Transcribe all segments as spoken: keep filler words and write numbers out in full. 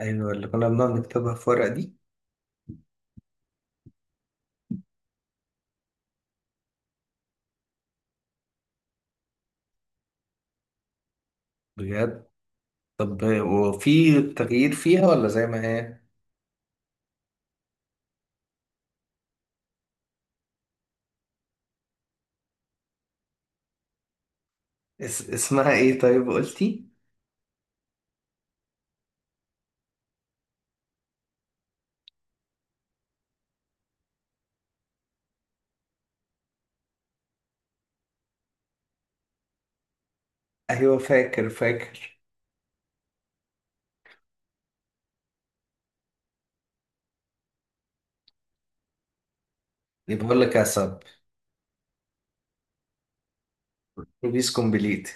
ايوه، اللي كنا بنقعد نكتبها في ورقة دي. بجد؟ طب وفي تغيير فيها ولا زي ما هي؟ اس... اسمها ايه طيب قلتي؟ ايوه فاكر فاكر. يبقى اقول لك يا سب ريفيز كومبليت.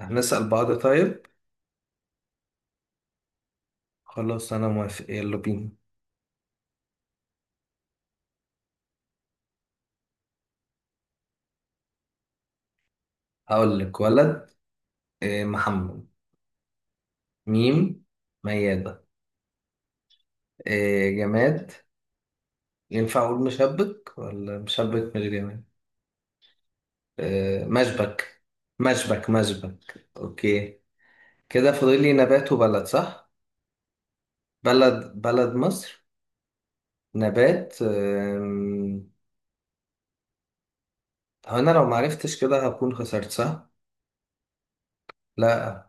هنسأل بعض طيب. خلاص انا موافق يلا بينا. هقول لك ولد، آه، محمد. ميم ميادة. آه، جماد. ينفع اقول مشبك ولا مشبك من الجماد؟ آه، مشبك. مشبك مشبك اوكي. كده فاضل لي نبات وبلد، صح؟ بلد بلد مصر. نبات أم، هو انا لو معرفتش كده هكون خسرت، صح؟ لا.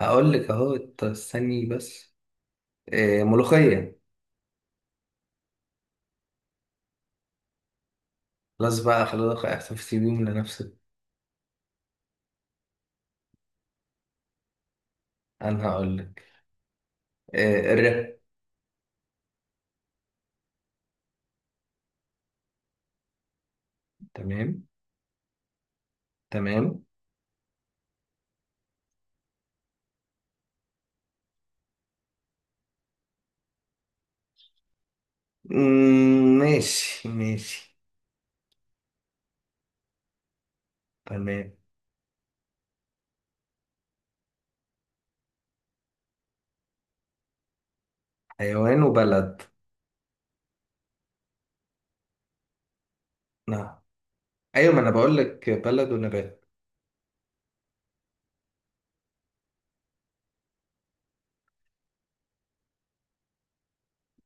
هقول لك اهو ت- استني بس. إيه ملوخية. خلاص بقى، خلاص احتفظي بيهم لنفسك. انا هقول لك. إيه الرب. تمام تمام. مم، ماشي ماشي. تمام حيوان وبلد. نعم؟ ايوه، ما انا بقول لك بلد ونبات.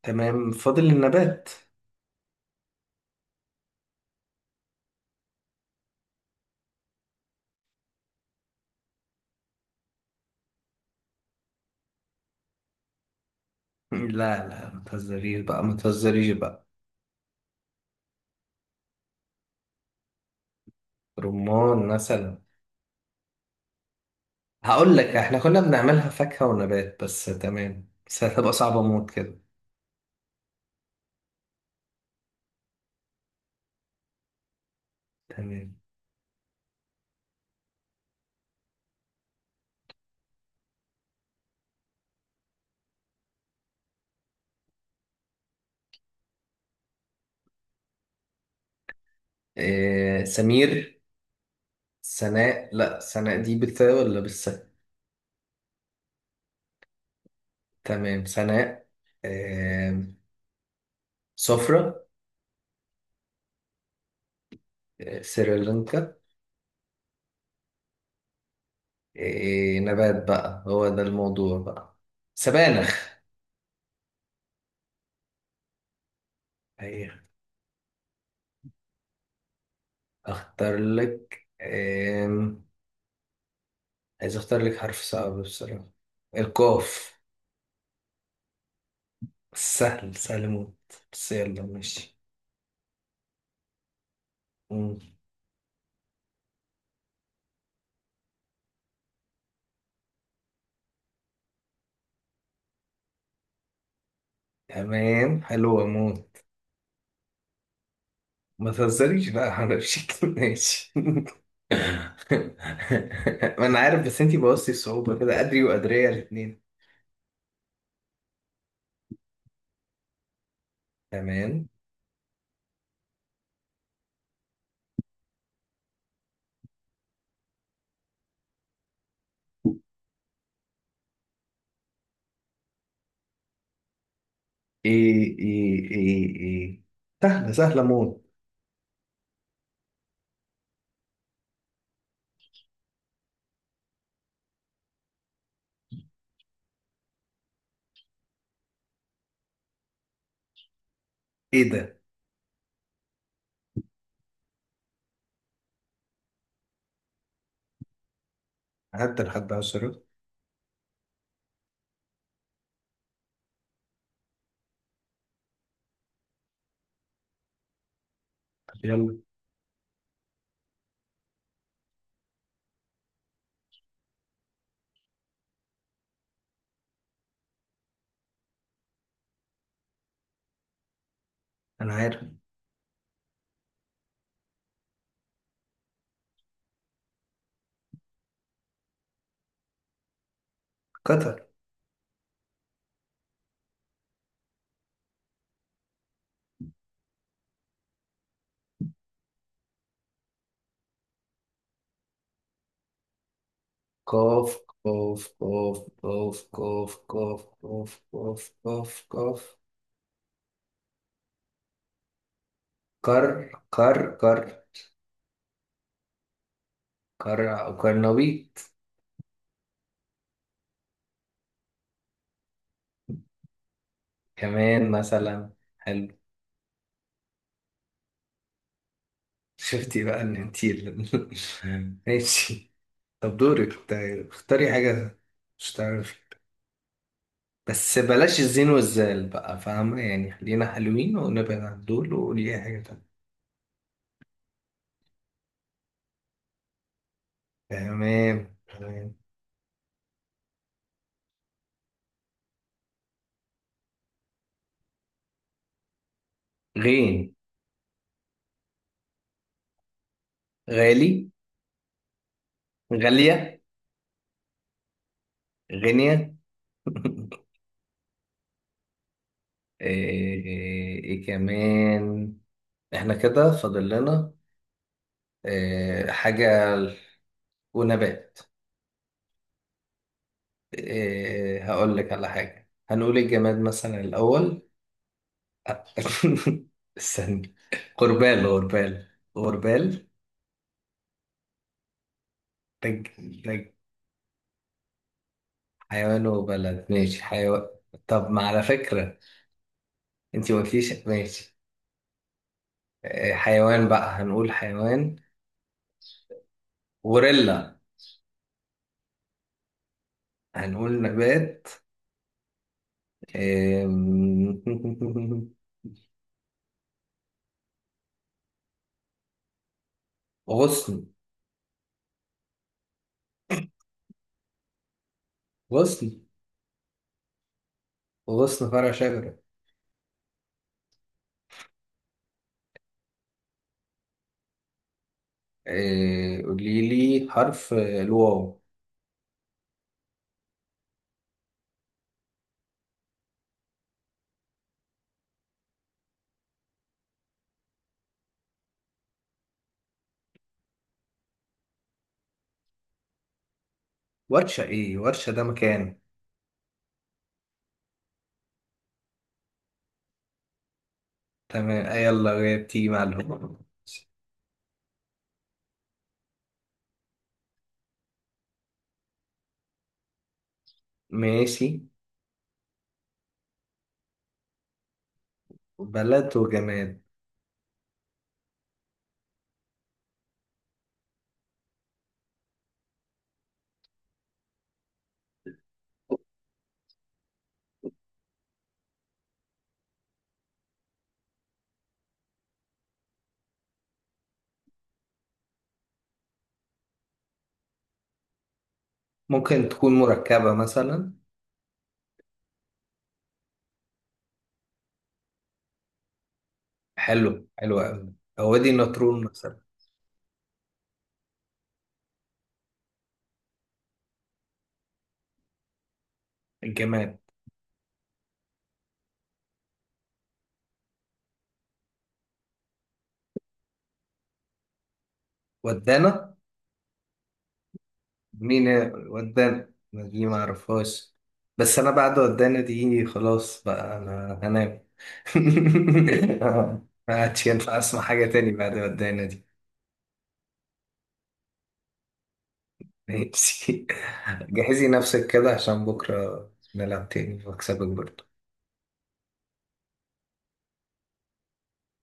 تمام، فاضل النبات. لا لا، ما تهزريش بقى ما تهزريش بقى. رمان مثلا. هقول لك احنا كنا بنعملها فاكهة ونبات بس، تمام بس هتبقى صعبة موت كده. تمام. إيه سمير. سناء. لا سناء دي بالثاء ولا بالساء؟ تمام سناء. إيه سفرة. إيه سريلانكا. إيه نبات بقى، هو ده الموضوع بقى. سبانخ. أيه. اختار لك إيه؟ عايز اختار لك حرف صعب بصراحة. القاف. سهل سهل موت. بس يلا ماشي. تمام، حلو اموت. ما تهزريش بقى على شكل ماشي. ما انا عارف، بس انتي بوظتي الصعوبة كده، قدري وقدرية الاتنين. تمام. ايه ايه ايه ايه. سهلة سهلة موت. ايه ده. عدى لحد عشرة. طب يلا. انا عارف. قطر. قاف قاف قاف قاف قاف قاف قاف قاف قاف قاف. كر كر كر. كر أو كرنبيط. كمان مثلا. حلو. شفتي بقى ان انتي ال- ماشي. طب دورك تا- اختاري حاجة. مش تعرفي؟ بس بلاش الزين والزال بقى، فاهمة يعني، خلينا حلوين ونبعد عن دول وقولي أي حاجة تانية. تمام تمام. غين. غالي غالية غنية. ايه, إيه إيه كمان. احنا كده فاضل لنا إيه حاجة. ونبات. إيه، هقول لك على حاجة. هنقول الجماد مثلا الأول. استنى. غربال غربال غربال. تج تج. حيوان وبلد، ماشي حيوان. طب ما على فكرة، انتي ما قلتيش ماشي. آه، حيوان بقى، هنقول حيوان غوريلا. هنقول نبات آم، غصن. غصن غصن فرع شجرة. آه، قولي لي حرف آه، الواو. ورشة؟ ايه ورشة ده مكان. تمام، آه، يلا بتيجي معلومة. ماشي. بلد وجماد. ممكن تكون مركبة مثلا. حلو حلو أوي. أو وادي النطرون مثلا. الجماد. ودانا. مين هي ودانا؟ ما دي ما أعرفهاش. بس أنا بعد ودانا دي خلاص بقى أنا هنام. ما عادش ينفع أسمع حاجة تاني بعد ودانا دي. ماشي. جهزي نفسك كده عشان بكرة نلعب تاني وأكسبك برضه.